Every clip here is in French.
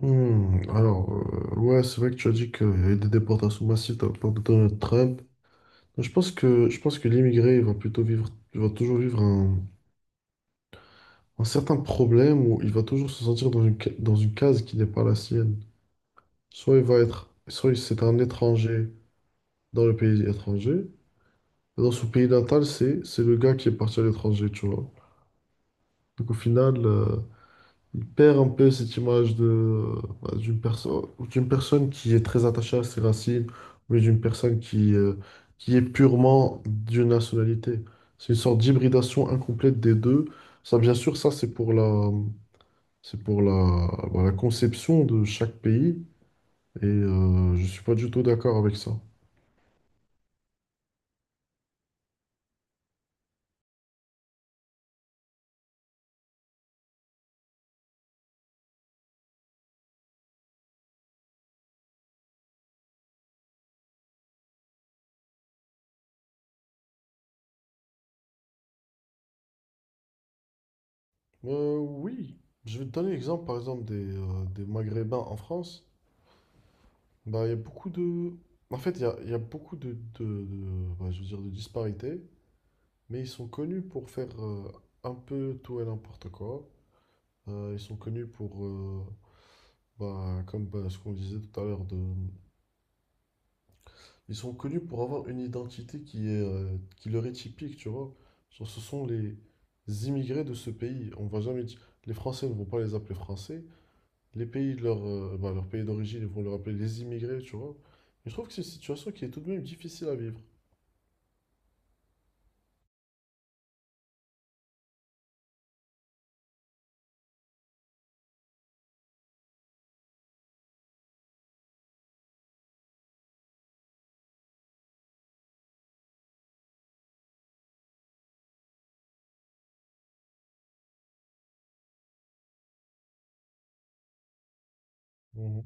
Hmm, alors, ouais, c'est vrai que tu as dit qu'il y a eu des déportations massives de la part de Donald Trump. Je pense que l'immigré, il va toujours vivre un certain problème où il va toujours se sentir dans dans une case qui n'est pas la sienne. Soit il va être, soit il- C'est un étranger dans le pays étranger, et dans son pays natal, c'est le gars qui est parti à l'étranger, tu vois. Donc au final, il perd un peu cette image de bah, d'une personne d'une personne qui est très attachée à ses racines, mais d'une personne qui est purement d'une nationalité. C'est une sorte d'hybridation incomplète des deux. Ça, bien sûr, ça c'est pour la conception de chaque pays, et je ne suis pas du tout d'accord avec ça. Oui, je vais te donner l'exemple par exemple des Maghrébins en France. Bah, il y a beaucoup de... En fait, il y a beaucoup bah, je veux dire, de disparités, mais ils sont connus pour faire un peu tout et n'importe quoi. Ils sont connus pour, ce qu'on disait tout à l'heure, de... ils sont connus pour avoir une identité qui est, qui leur est typique, tu vois. Genre, ce sont les immigrés de ce pays. On va jamais dire... Les Français ne vont pas les appeler Français. Les pays, de leur pays d'origine, ils vont leur appeler les immigrés, tu vois. Et je trouve que c'est une situation qui est tout de même difficile à vivre. Mhm.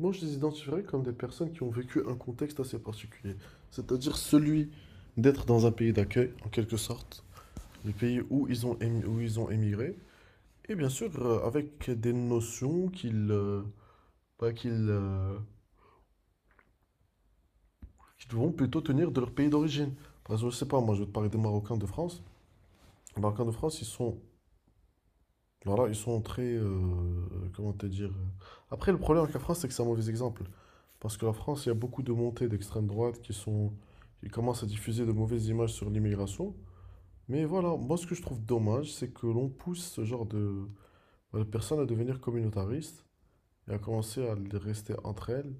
Moi, je les identifierais comme des personnes qui ont vécu un contexte assez particulier, c'est-à-dire celui d'être dans un pays d'accueil, en quelque sorte, le pays où où ils ont émigré, et bien sûr avec des notions qu'ils bah, qu'ils qu'ils vont plutôt tenir de leur pays d'origine. Par exemple, je sais pas, moi, je vais te parler des Marocains de France. Les Marocains de France, ils sont Alors là, ils sont très. Comment te dire? Après, le problème avec la France, c'est que c'est un mauvais exemple. Parce que la France, il y a beaucoup de montées d'extrême droite qui commencent à diffuser de mauvaises images sur l'immigration. Mais voilà, moi, ce que je trouve dommage, c'est que l'on pousse ce genre de personnes à devenir communautaristes et à commencer à les rester entre elles,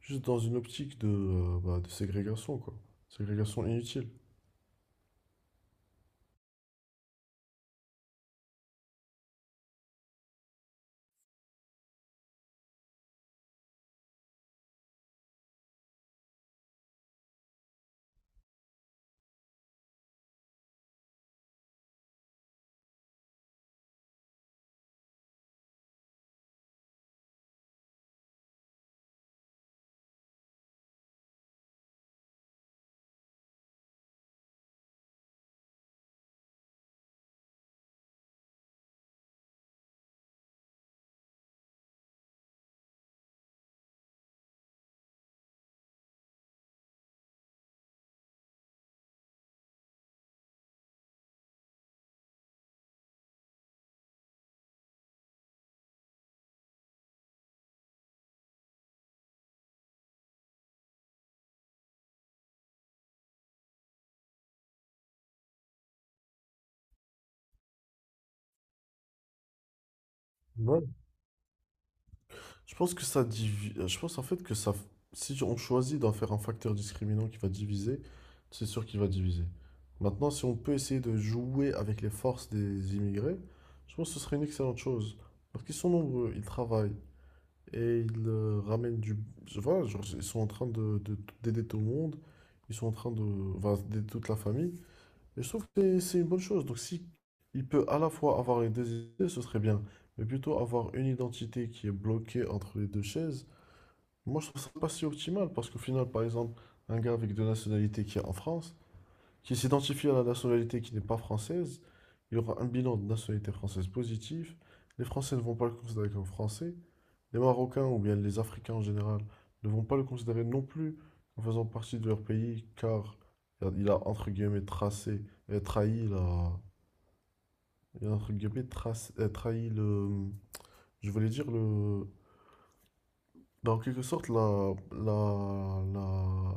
juste dans une optique de ségrégation, quoi. Ségrégation inutile. Voilà. Je pense en fait que ça. Si on choisit d'en faire un facteur discriminant qui va diviser, c'est sûr qu'il va diviser. Maintenant, si on peut essayer de jouer avec les forces des immigrés, je pense que ce serait une excellente chose. Parce qu'ils sont nombreux, ils travaillent et ils ramènent du. Voilà, genre, ils sont en train d'aider tout le monde, ils sont en train de. Enfin, d'aider toute la famille. Et je trouve que c'est une bonne chose. Donc si il peut à la fois avoir les deux idées, ce serait bien. Mais plutôt avoir une identité qui est bloquée entre les deux chaises, moi je trouve ça pas si optimal parce qu'au final, par exemple, un gars avec deux nationalités qui est en France, qui s'identifie à la nationalité qui n'est pas française, il aura un bilan de nationalité française positif. Les Français ne vont pas le considérer comme français. Les Marocains, ou bien les Africains en général, ne vont pas le considérer non plus en faisant partie de leur pays, car il a entre guillemets tracé, trahi la, il a, entre guillemets trace- trahi le, je voulais dire le, bah, en quelque sorte la, la, la,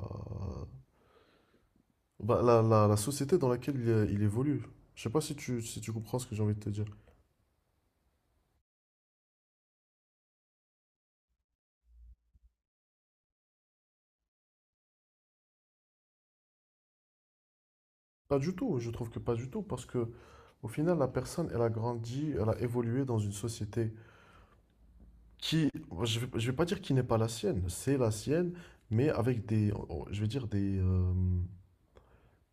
bah, la- la société dans laquelle il évolue. Je sais pas si tu comprends ce que j'ai envie de te dire. Pas du tout, je trouve que pas du tout, parce que au final la personne, elle a grandi, elle a évolué dans une société. Qui, je vais pas dire qui n'est pas la sienne, c'est la sienne, mais avec des, oh, je vais dire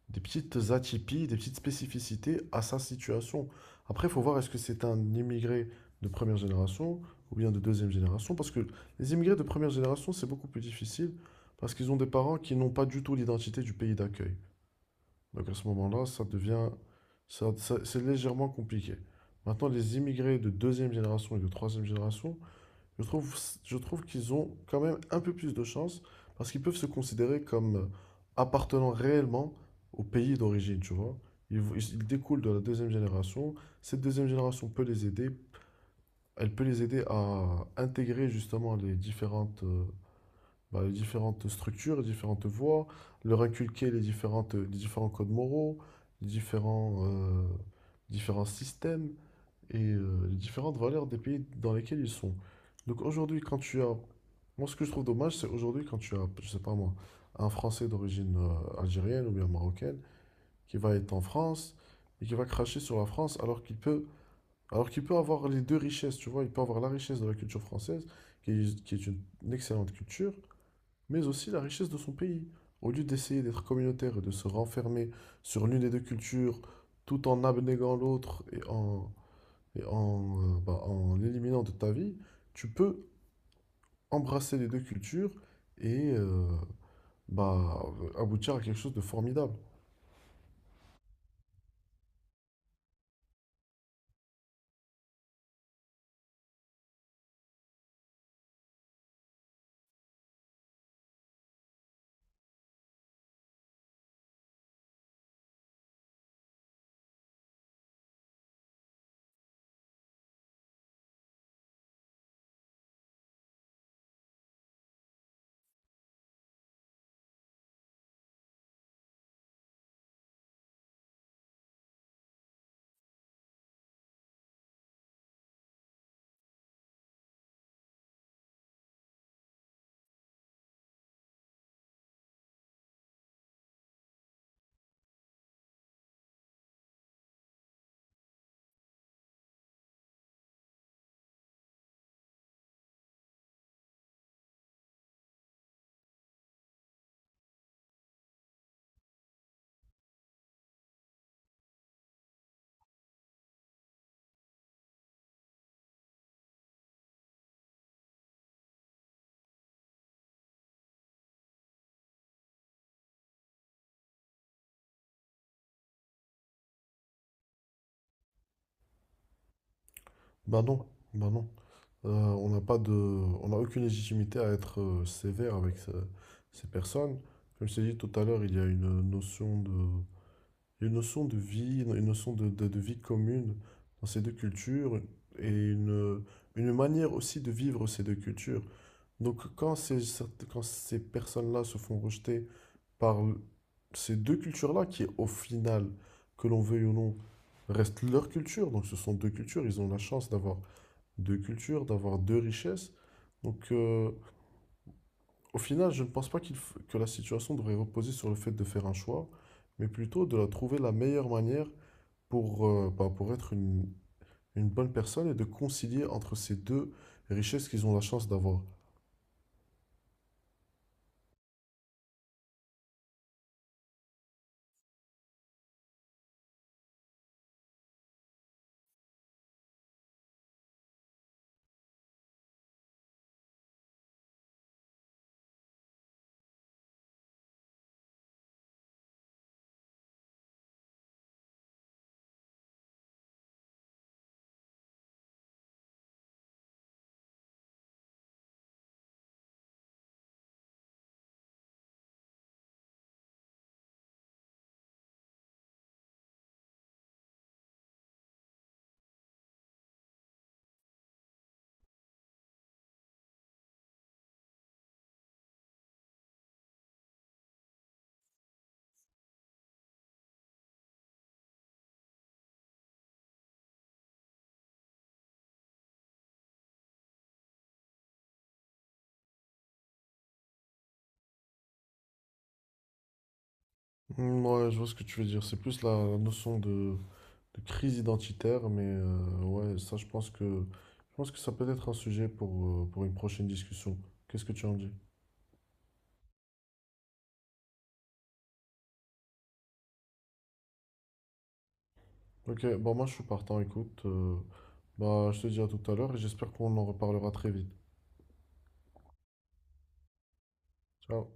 des petites atypies, des petites spécificités à sa situation. Après, il faut voir est-ce que c'est un immigré de première génération ou bien de deuxième génération, parce que les immigrés de première génération, c'est beaucoup plus difficile, parce qu'ils ont des parents qui n'ont pas du tout l'identité du pays d'accueil. Donc à ce moment-là, ça devient, ça- ça- c'est légèrement compliqué. Maintenant, les immigrés de deuxième génération et de troisième génération, je trouve, je trouve qu'ils ont quand même un peu plus de chance parce qu'ils peuvent se considérer comme appartenant réellement au pays d'origine, tu vois. Ils, ils découlent de la deuxième génération. Cette deuxième génération peut les aider. Elle peut les aider à intégrer justement les différentes, les différentes structures, les différentes voies, leur inculquer les différents codes moraux, les différents, euh, différents systèmes et les différentes valeurs des pays dans lesquels ils sont. Donc aujourd'hui, quand tu as... Moi, ce que je trouve dommage, c'est aujourd'hui quand tu as, je sais pas moi, un Français d'origine algérienne ou bien marocaine qui va être en France et qui va cracher sur la France alors qu'il peut avoir les deux richesses, tu vois. Il peut avoir la richesse de la culture française, qui est une excellente culture, mais aussi la richesse de son pays. Au lieu d'essayer d'être communautaire et de se renfermer sur l'une des deux cultures tout en abnégant l'autre et en l'éliminant de ta vie, tu peux embrasser les deux cultures et bah, aboutir à quelque chose de formidable. Bah non, bah non. On n'a pas de, on n'a aucune légitimité à être sévère avec ces personnes. Comme je t'ai dit tout à l'heure, il y a une notion de vie, une notion de vie commune dans ces deux cultures et une manière aussi de vivre ces deux cultures. Donc quand ces personnes-là se font rejeter par ces deux cultures-là, qui au final, que l'on veuille ou non, restent leur culture, donc ce sont deux cultures, ils ont la chance d'avoir deux cultures, d'avoir deux richesses. Donc au final, je ne pense pas que la situation devrait reposer sur le fait de faire un choix, mais plutôt de la trouver la meilleure manière pour, pour être une bonne personne et de concilier entre ces deux richesses qu'ils ont la chance d'avoir. Hmm, ouais, je vois ce que tu veux dire. C'est plus la notion de crise identitaire, mais ouais, ça, je pense que ça peut être un sujet pour une prochaine discussion. Qu'est-ce que tu en dis? Ok, bah moi je suis partant, écoute. Bah je te dis à tout à l'heure et j'espère qu'on en reparlera très vite. Ciao.